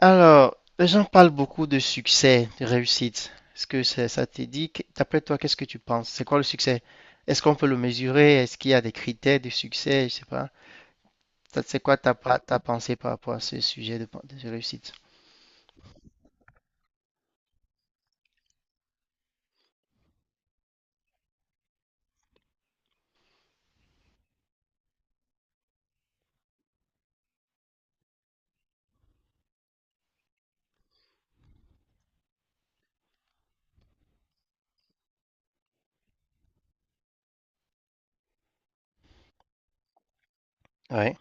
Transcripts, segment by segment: Alors, les gens parlent beaucoup de succès, de réussite. Est-ce que ça t'est dit? D'après toi, qu'est-ce que tu penses? C'est quoi le succès? Est-ce qu'on peut le mesurer? Est-ce qu'il y a des critères de succès? Je sais pas. Ça, c'est quoi ta pensée par rapport à ce sujet de réussite? Ouais.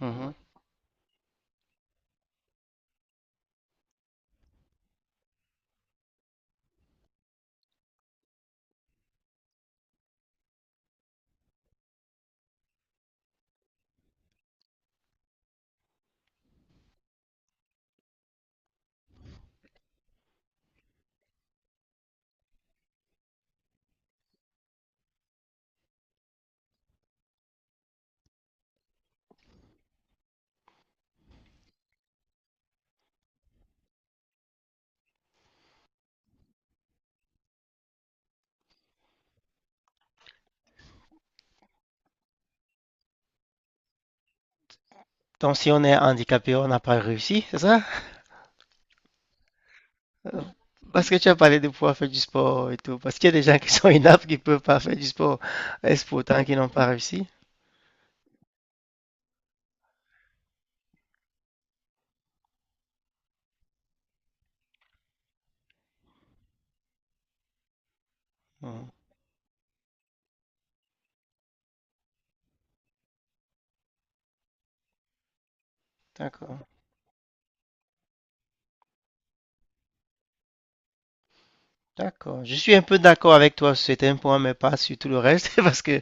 Mhm. Donc, si on est handicapé, on n'a pas réussi, c'est ça? Euh, Parce que tu as parlé de pouvoir faire du sport et tout. Parce qu'il y a des gens qui sont inaptes qui ne peuvent pas faire du sport. Est-ce pourtant qu'ils n'ont pas réussi? Mhm. D'accord. D'accord. Je suis un peu d'accord avec toi sur certains points, mais pas sur tout le reste, parce que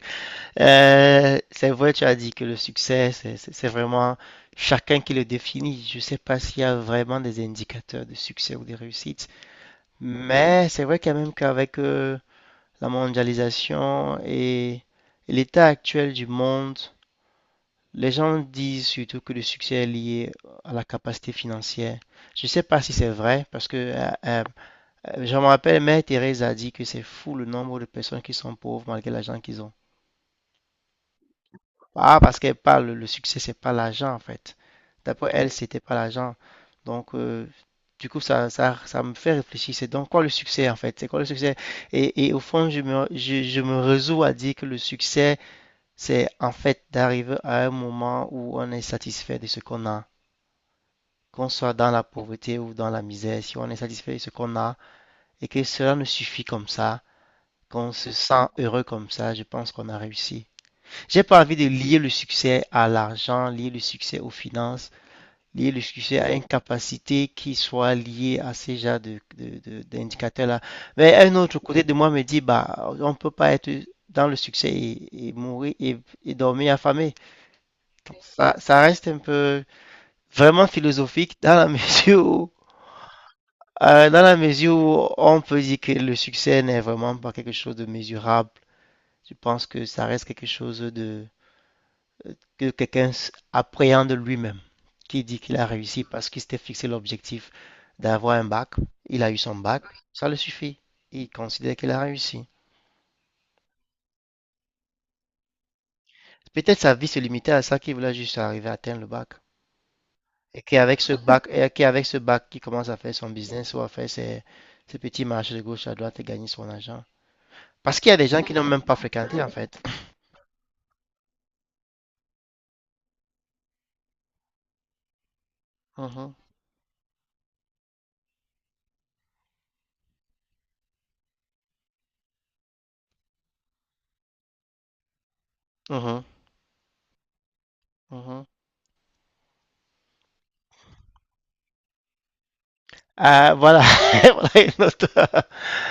c'est vrai, tu as dit que le succès, c'est vraiment chacun qui le définit. Je ne sais pas s'il y a vraiment des indicateurs de succès ou de réussite, mais c'est vrai quand même qu'avec la mondialisation et l'état actuel du monde, les gens disent surtout que le succès est lié à la capacité financière. Je ne sais pas si c'est vrai, parce que je me rappelle, Mère Thérèse a dit que c'est fou le nombre de personnes qui sont pauvres malgré l'argent qu'ils ont. Ah, parce qu'elle parle, le succès, c'est pas l'argent en fait. D'après elle, c'était pas l'argent. Donc, du coup, ça me fait réfléchir. C'est donc quoi le succès en fait? C'est quoi le succès? Et au fond, je me résous à dire que le succès, c'est en fait d'arriver à un moment où on est satisfait de ce qu'on a. Qu'on soit dans la pauvreté ou dans la misère, si on est satisfait de ce qu'on a et que cela nous suffit comme ça, qu'on se sent heureux comme ça, je pense qu'on a réussi. J'ai pas envie de lier le succès à l'argent, lier le succès aux finances, lier le succès à une capacité qui soit liée à ces genres d'indicateurs-là. Mais un autre côté de moi me dit, bah, on peut pas être dans le succès et mourir et dormir affamé. Donc, ça reste un peu vraiment philosophique dans la mesure où, dans la mesure où on peut dire que le succès n'est vraiment pas quelque chose de mesurable. Je pense que ça reste quelque chose de que quelqu'un appréhende lui-même, qui dit qu'il a réussi parce qu'il s'était fixé l'objectif d'avoir un bac. Il a eu son bac, ça le suffit. Il considère qu'il a réussi. Peut-être sa vie se limitait à ça, qu'il voulait juste arriver à atteindre le bac. Et qu'avec ce bac, il commence à faire son business ou à faire ses petits marchés de gauche à droite et gagner son argent. Parce qu'il y a des gens qui n'ont même pas fréquenté, en fait. Mhm, mhm, mhm. Ah, voilà. Voilà une autre.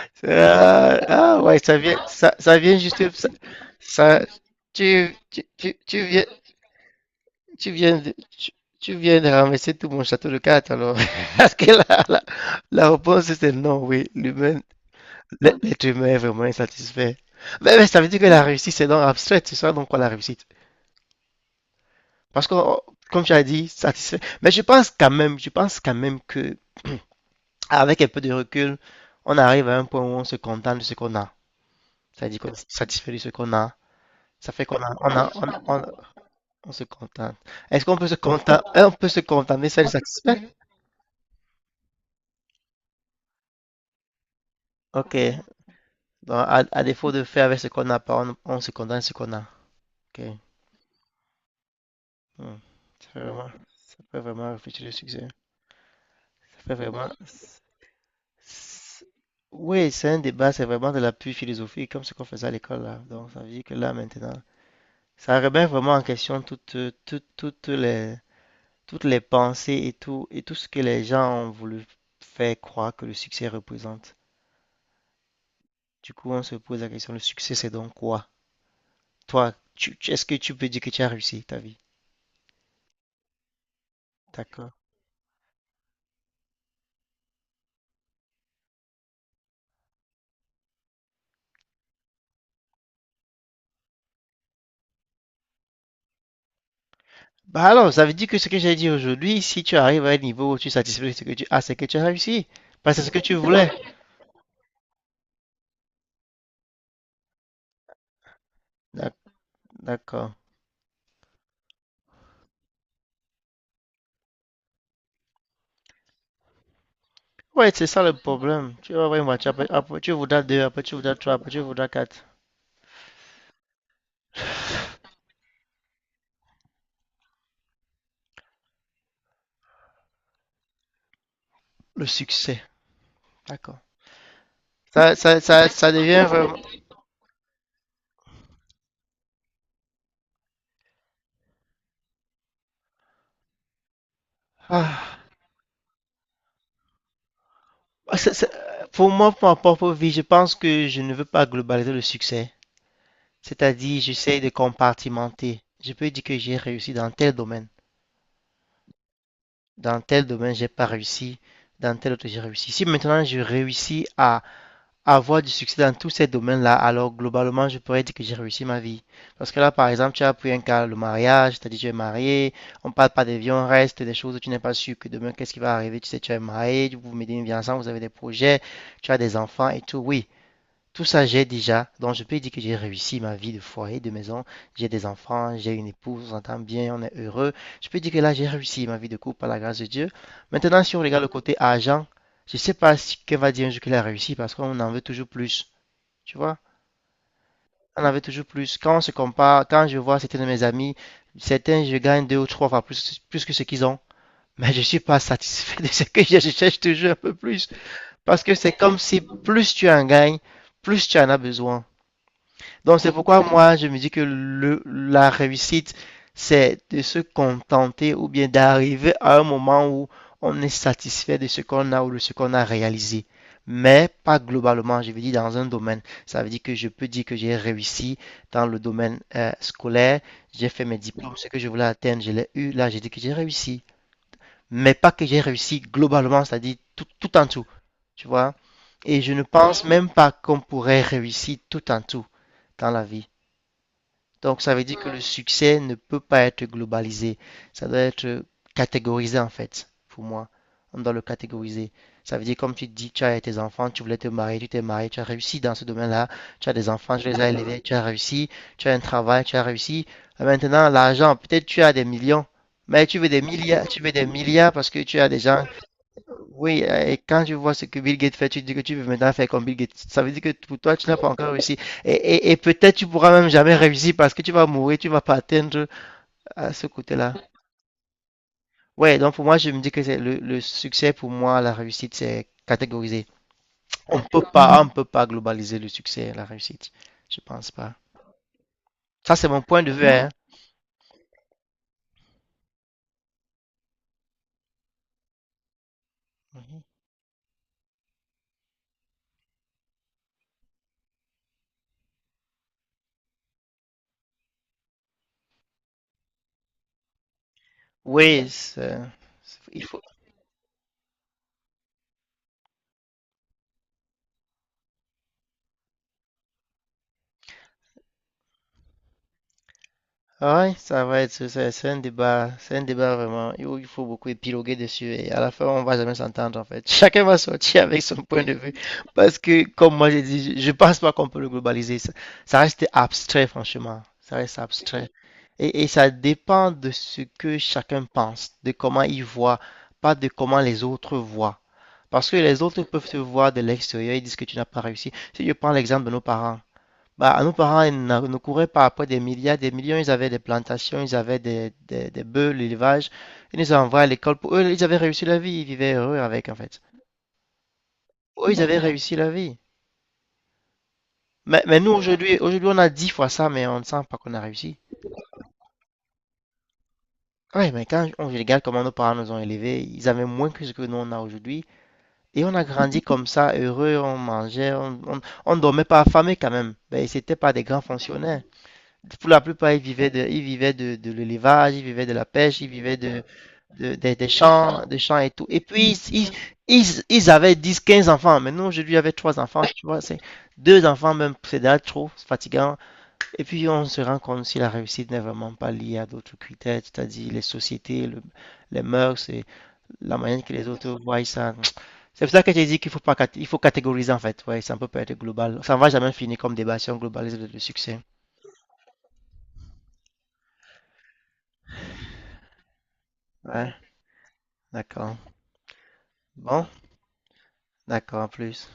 Ah, ah ouais, ça- tu, tu, tu, tu viens, tu viens, de, tu, tu viens de ramasser tout mon château de cartes alors. Parce que la réponse c'est non, oui, l'humain, l'être humain est vraiment insatisfait. Mais, ça veut dire que la réussite c'est donc abstrait, c'est ça donc quoi la réussite? Parce que, oh, comme tu as dit, satisfait. Mais je pense quand même que, avec un peu de recul, on arrive à un point où on se contente de ce qu'on a. C'est-à-dire qu'on est satisfait de ce qu'on a. Ça fait qu'on on a- on a- on se contente. Est-ce qu'on peut se contenter, on peut se contenter celle satisfaite? Ok. Donc, à défaut de faire avec ce qu'on n'a pas, on se contente de ce qu'on a. Ok. Hmm. Ça fait vraiment réfléchir le succès. Ça fait vraiment. Oui, c'est un débat, c'est vraiment de l'appui philosophique, comme ce qu'on faisait à l'école là. Donc, ça veut dire que là maintenant, ça remet vraiment en question toutes les pensées et tout ce que les gens ont voulu faire croire que le succès représente. Du coup, on se pose la question, le succès, c'est donc quoi? Toi, est-ce que tu peux dire que tu as réussi ta vie? D'accord. Bah alors, ça veut dire que ce que j'ai dit aujourd'hui, si tu arrives à un niveau où tu satisfais ce que tu as, c'est que tu as réussi. Parce que c'est ce que tu voulais. D'ac- D'accord. Ouais, c'est ça le problème. Tu vas voir une voiture, après, tu voudras deux, après tu voudras trois, après tu voudras quatre. Le succès. D'accord. Ça devient vraiment... Ah. Bah, Pour moi, pour ma propre vie, je pense que je ne veux pas globaliser le succès. C'est-à-dire, j'essaie de compartimenter. Je peux dire que j'ai réussi dans tel domaine. Dans tel domaine, j'ai pas réussi. Dans tel autre, j'ai réussi. Si maintenant je réussis à avoir du succès dans tous ces domaines-là, alors globalement, je pourrais dire que j'ai réussi ma vie. Parce que là, par exemple, tu as pris un cas, le mariage, c'est-à-dire tu es marié, on parle pas des vies, on reste des choses où tu n'es pas sûr que demain, qu'est-ce qui va arriver. Tu sais, tu es marié, vous menez une vie ensemble, vous avez des projets, tu as des enfants et tout. Oui, tout ça, j'ai déjà. Donc, je peux dire que j'ai réussi ma vie de foyer, de maison. J'ai des enfants, j'ai une épouse, on s'entend bien, on est heureux. Je peux dire que là, j'ai réussi ma vie de couple par la grâce de Dieu. Maintenant, si on regarde le côté argent, je ne sais pas ce qu'elle va dire un jour qu'elle a réussi parce qu'on en veut toujours plus. Tu vois? On en veut toujours plus. Quand on se compare, quand je vois certains de mes amis, certains, je gagne 2 ou 3 fois plus que ce qu'ils ont. Mais je ne suis pas satisfait de ce que j'ai. Je cherche toujours un peu plus. Parce que c'est comme si plus tu en gagnes, plus tu en as besoin. Donc c'est pourquoi moi je me dis que la réussite, c'est de se contenter ou bien d'arriver à un moment où on est satisfait de ce qu'on a ou de ce qu'on a réalisé. Mais pas globalement, je veux dire dans un domaine. Ça veut dire que je peux dire que j'ai réussi dans le domaine scolaire, j'ai fait mes diplômes, ce que je voulais atteindre, je l'ai eu, là j'ai dit que j'ai réussi. Mais pas que j'ai réussi globalement, c'est-à-dire tout, tout en tout. Tu vois? Et je ne pense même pas qu'on pourrait réussir tout en tout dans la vie. Donc, ça veut dire que le succès ne peut pas être globalisé. Ça doit être catégorisé, en fait, pour moi. On doit le catégoriser. Ça veut dire, comme tu dis, tu as tes enfants, tu voulais te marier, tu t'es marié, tu as réussi dans ce domaine-là. Tu as des enfants, tu les as élevés, tu as réussi. Tu as un travail, tu as réussi. Et maintenant, l'argent, peut-être tu as des millions, mais tu veux des milliards, tu veux des milliards parce que tu as des gens oui, et quand tu vois ce que Bill Gates fait, tu te dis que tu veux maintenant faire comme Bill Gates. Ça veut dire que pour toi, tu n'as pas encore réussi. Et peut-être tu pourras même jamais réussir parce que tu vas mourir, tu vas pas atteindre à ce côté-là. Ouais, donc pour moi, je me dis que c'est le succès, pour moi, la réussite, c'est catégorisé. On peut pas globaliser le succès, et la réussite. Je pense pas. Ça, c'est mon point de vue, hein. Oui, il faut, ah ouais, c'est un débat, c'est un débat vraiment où il faut beaucoup épiloguer dessus et à la fin on va jamais s'entendre en fait. Chacun va sortir avec son point de vue parce que comme moi j'ai dit, je pense pas qu'on peut le globaliser. Ça reste abstrait franchement, ça reste abstrait et ça dépend de ce que chacun pense, de comment il voit, pas de comment les autres voient. Parce que les autres peuvent te voir de l'extérieur et disent que tu n'as pas réussi. Si je prends l'exemple de nos parents. Bah, nos parents, ils ne couraient pas après des milliards, des millions. Ils avaient des plantations, ils avaient des bœufs, l'élevage. Ils nous envoyaient à l'école. Pour eux, ils avaient réussi la vie. Ils vivaient heureux avec, en fait. Eux, ils avaient réussi la vie. Mais, nous, aujourd'hui, on a 10 fois ça, mais on ne sent pas qu'on a réussi. Oui mais quand on regarde comment nos parents nous ont élevés, ils avaient moins que ce que nous, on a aujourd'hui. Et on a grandi comme ça, heureux, on mangeait, on dormait pas affamé quand même. Mais c'était pas des grands fonctionnaires. Pour la plupart, ils vivaient de l'élevage, ils vivaient de la pêche, ils vivaient des champs et tout. Et puis, ils avaient 10 15 enfants. Maintenant, aujourd'hui, avait trois enfants, tu vois, c'est deux enfants même, c'est déjà trop, c'est fatigant. Et puis, on se rend compte si la réussite n'est vraiment pas liée à d'autres critères, c'est-à-dire les sociétés, les mœurs et la manière que les autres voient ça. C'est pour ça que j'ai dit qu'il faut pas, il faut catégoriser en fait. Ouais, ça ne peut pas être global. Ça ne va jamais finir comme débat sur un globalisme de succès. Ouais, d'accord. Bon, d'accord, en plus.